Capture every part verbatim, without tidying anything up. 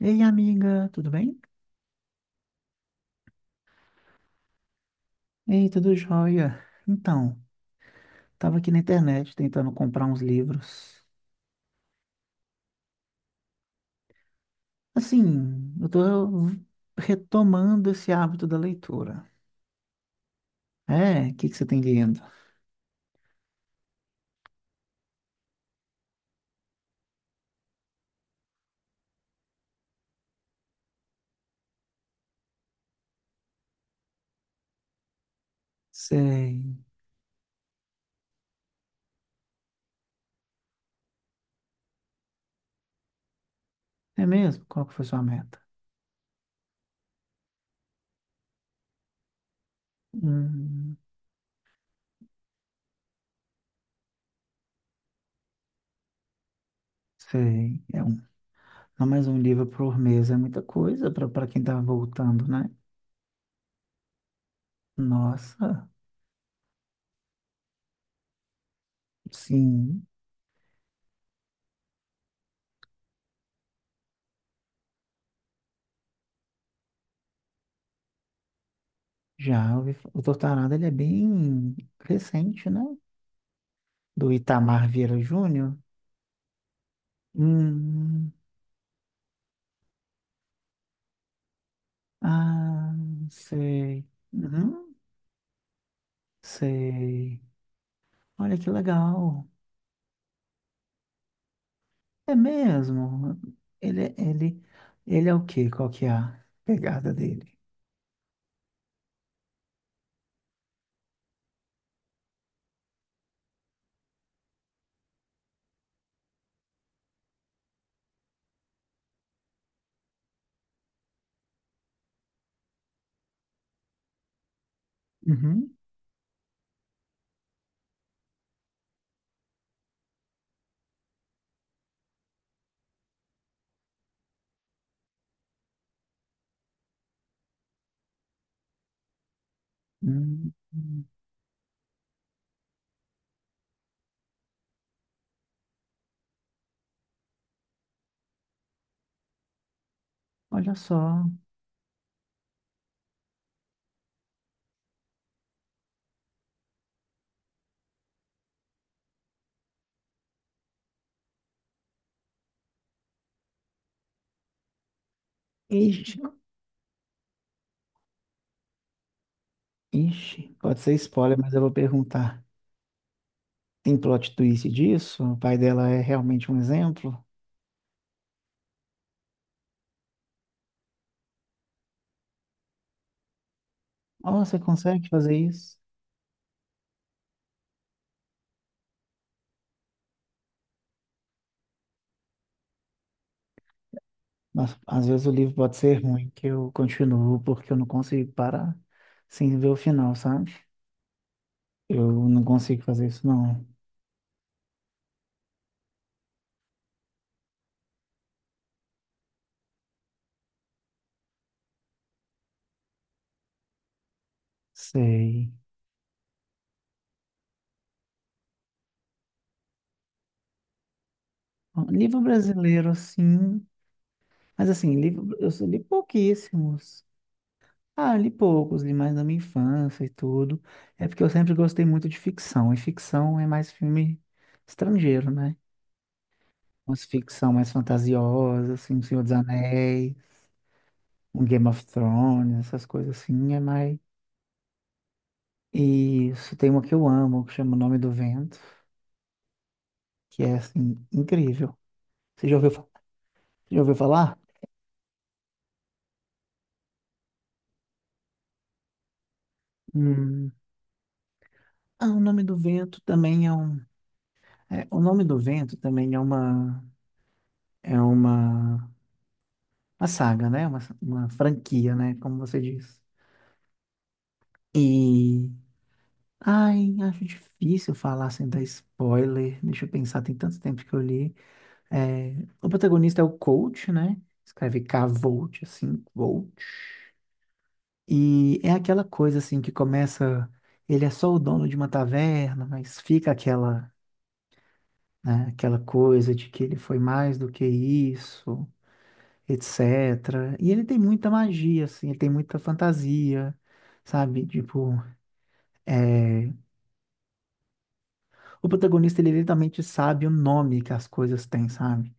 Ei, amiga, tudo bem? Ei, tudo jóia. Então, tava aqui na internet tentando comprar uns livros. Assim, eu tô retomando esse hábito da leitura. É, o que que você tem lido? Sei. É mesmo? Qual que foi sua meta? Hum, sei. É um, não, mais um livro por mês é muita coisa para para quem tá voltando, né? Nossa, sim. Já ouvi, fa- o Tortarada ele é bem recente, né? Do Itamar Vieira Júnior. Hum, ah, sei. Uhum, sei. Olha que legal. É mesmo. Ele, ele, ele é o quê? Qual que é a pegada dele? Uhum. Hum, hum. olha só. Ixi, ixi. Pode ser spoiler, mas eu vou perguntar. Tem plot twist disso? O pai dela é realmente um exemplo? Oh, você consegue fazer isso? Mas às vezes o livro pode ser ruim, que eu continuo porque eu não consigo parar sem ver o final, sabe? Eu não consigo fazer isso, não. Sei. Livro brasileiro, sim. Mas assim, livro, eu só li pouquíssimos. Ah, li poucos, li mais na minha infância e tudo. É porque eu sempre gostei muito de ficção. E ficção é mais filme estrangeiro, né? Umas ficção mais fantasiosas, assim, O Senhor dos Anéis, um Game of Thrones, essas coisas assim, é mais. E Isso, tem uma que eu amo, que chama O Nome do Vento, que é, assim, incrível. Você já ouviu, fa- já ouviu falar? Hum. Ah, O Nome do Vento também é um... É, o Nome do Vento também é uma... É uma... Uma saga, né? Uma, uma franquia, né? Como você diz. E... Ai, acho difícil falar sem dar spoiler. Deixa eu pensar, tem tanto tempo que eu li. É, o protagonista é o Colt, né? Escreve K-Volt, assim, Colt. E é aquela coisa assim que começa, ele é só o dono de uma taverna, mas fica aquela, né, aquela coisa de que ele foi mais do que isso, et cetera. E ele tem muita magia, assim, ele tem muita fantasia, sabe? Tipo, é, o protagonista ele literalmente sabe o nome que as coisas têm, sabe?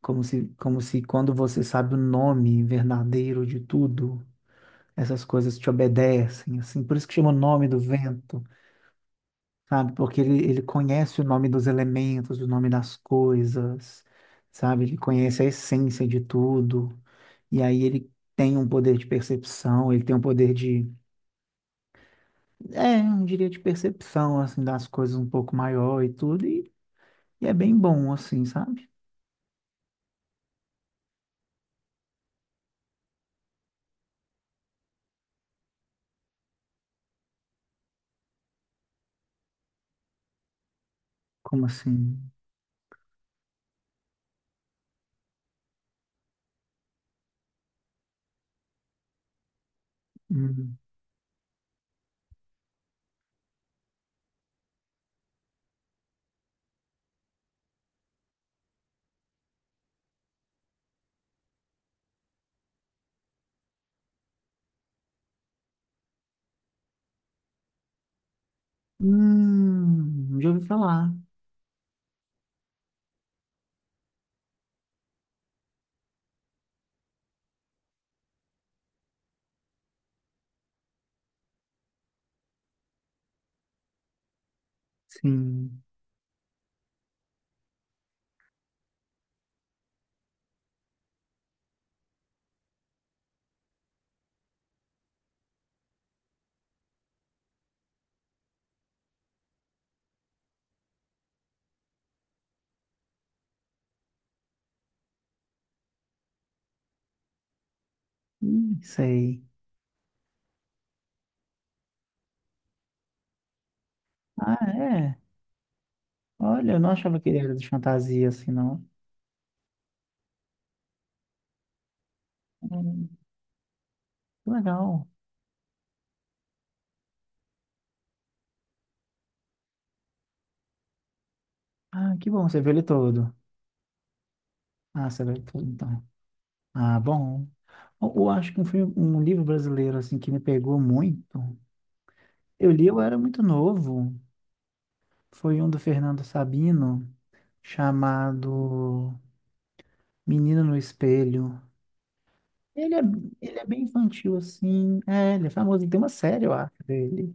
Como se, como se quando você sabe o nome verdadeiro de tudo, essas coisas te obedecem, assim. Por isso que chama o nome do vento. sabe? Porque ele, ele conhece o nome dos elementos, o nome das coisas, sabe? Ele conhece a essência de tudo. E aí ele tem um poder de percepção, ele tem um poder de, é, eu diria de percepção, assim, das coisas um pouco maior e tudo. E, e é bem bom, assim, sabe? Como assim? Hum, hum, já ouvi falar. Sim. Hum, sei. Ah, é. Olha, eu não achava que ele era de fantasia assim, não. Hum, que legal. Ah, que bom, você viu ele todo. Ah, você viu ele todo, então. Ah, bom. Eu, eu acho que um filme, um livro brasileiro, assim, que me pegou muito. Eu li, eu era muito novo. Foi um do Fernando Sabino, chamado Menino no Espelho. Ele é, ele é bem infantil, assim. É, ele é famoso. Ele Tem uma série, eu acho, dele.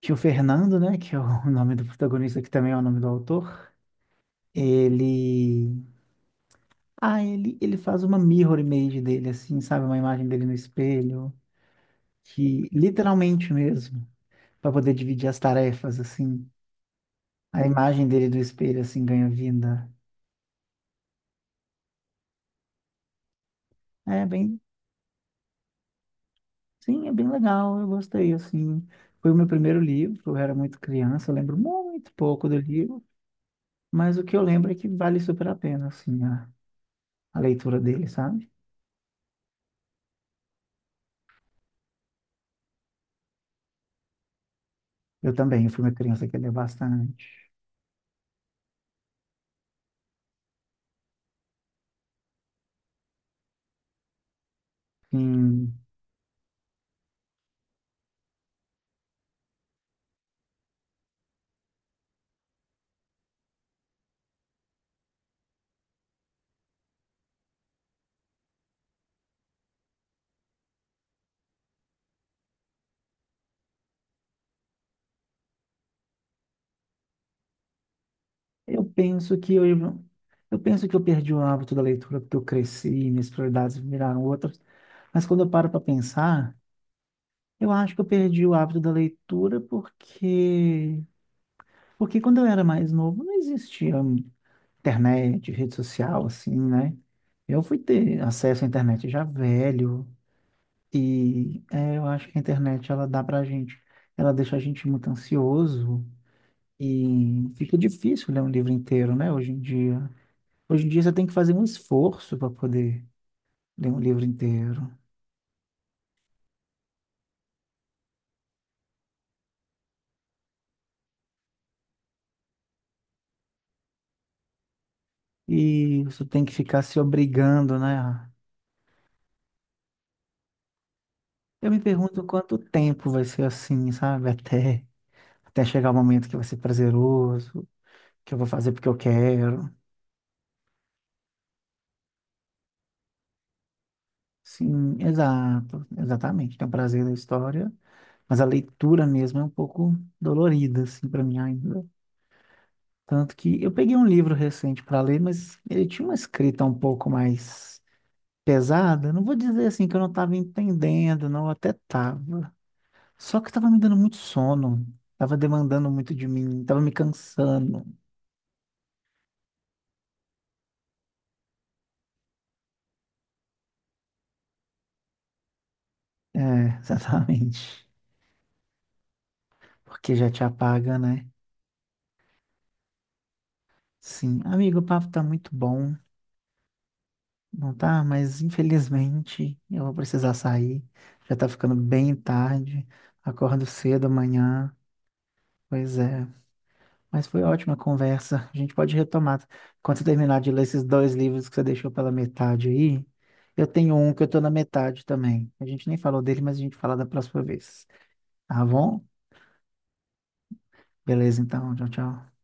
Que o Fernando, né, que é o nome do protagonista, que também é o nome do autor, ele... Ah, ele, ele faz uma mirror image dele, assim, sabe? Uma imagem dele no espelho, que literalmente mesmo, para poder dividir as tarefas, assim. A imagem dele do espelho, assim, ganha vida. É bem... Sim, é bem legal, eu gostei, assim. Foi o meu primeiro livro, eu era muito criança, eu lembro muito pouco do livro, mas o que eu lembro é que vale super a pena, assim, a, a leitura dele, sabe? Eu também, eu fui uma criança que lia bastante. Sim, eu penso que eu, eu penso que eu perdi o hábito da leitura porque eu cresci, minhas prioridades viraram outras. Mas quando eu paro para pensar, eu acho que eu perdi o hábito da leitura porque porque quando eu era mais novo não existia internet, rede social assim, né? Eu fui ter acesso à internet já velho e é, eu acho que a internet ela dá pra gente, ela deixa a gente muito ansioso. E fica difícil ler um livro inteiro, né, hoje em dia. Hoje em dia você tem que fazer um esforço para poder ler um livro inteiro. E você tem que ficar se obrigando, né? Eu me pergunto quanto tempo vai ser assim, sabe? Até, até chegar o momento que vai ser prazeroso, que eu vou fazer porque eu quero. Sim, exato, exatamente. Tem o prazer da história, mas a leitura mesmo é um pouco dolorida, assim, para mim ainda. Tanto que eu peguei um livro recente para ler, mas ele tinha uma escrita um pouco mais pesada. Não vou dizer assim que eu não estava entendendo, não, até estava. Só que estava me dando muito sono, estava demandando muito de mim, estava me cansando. É, exatamente. Porque já te apaga, né? Sim, amigo, o papo tá muito bom, não tá? Mas infelizmente eu vou precisar sair. Já tá ficando bem tarde. Acordo cedo amanhã. Pois é. Mas foi ótima a conversa. A gente pode retomar. Quando você terminar de ler esses dois livros que você deixou pela metade aí, eu tenho um que eu tô na metade também. A gente nem falou dele, mas a gente fala da próxima vez. Tá bom? Beleza, então. Tchau, tchau.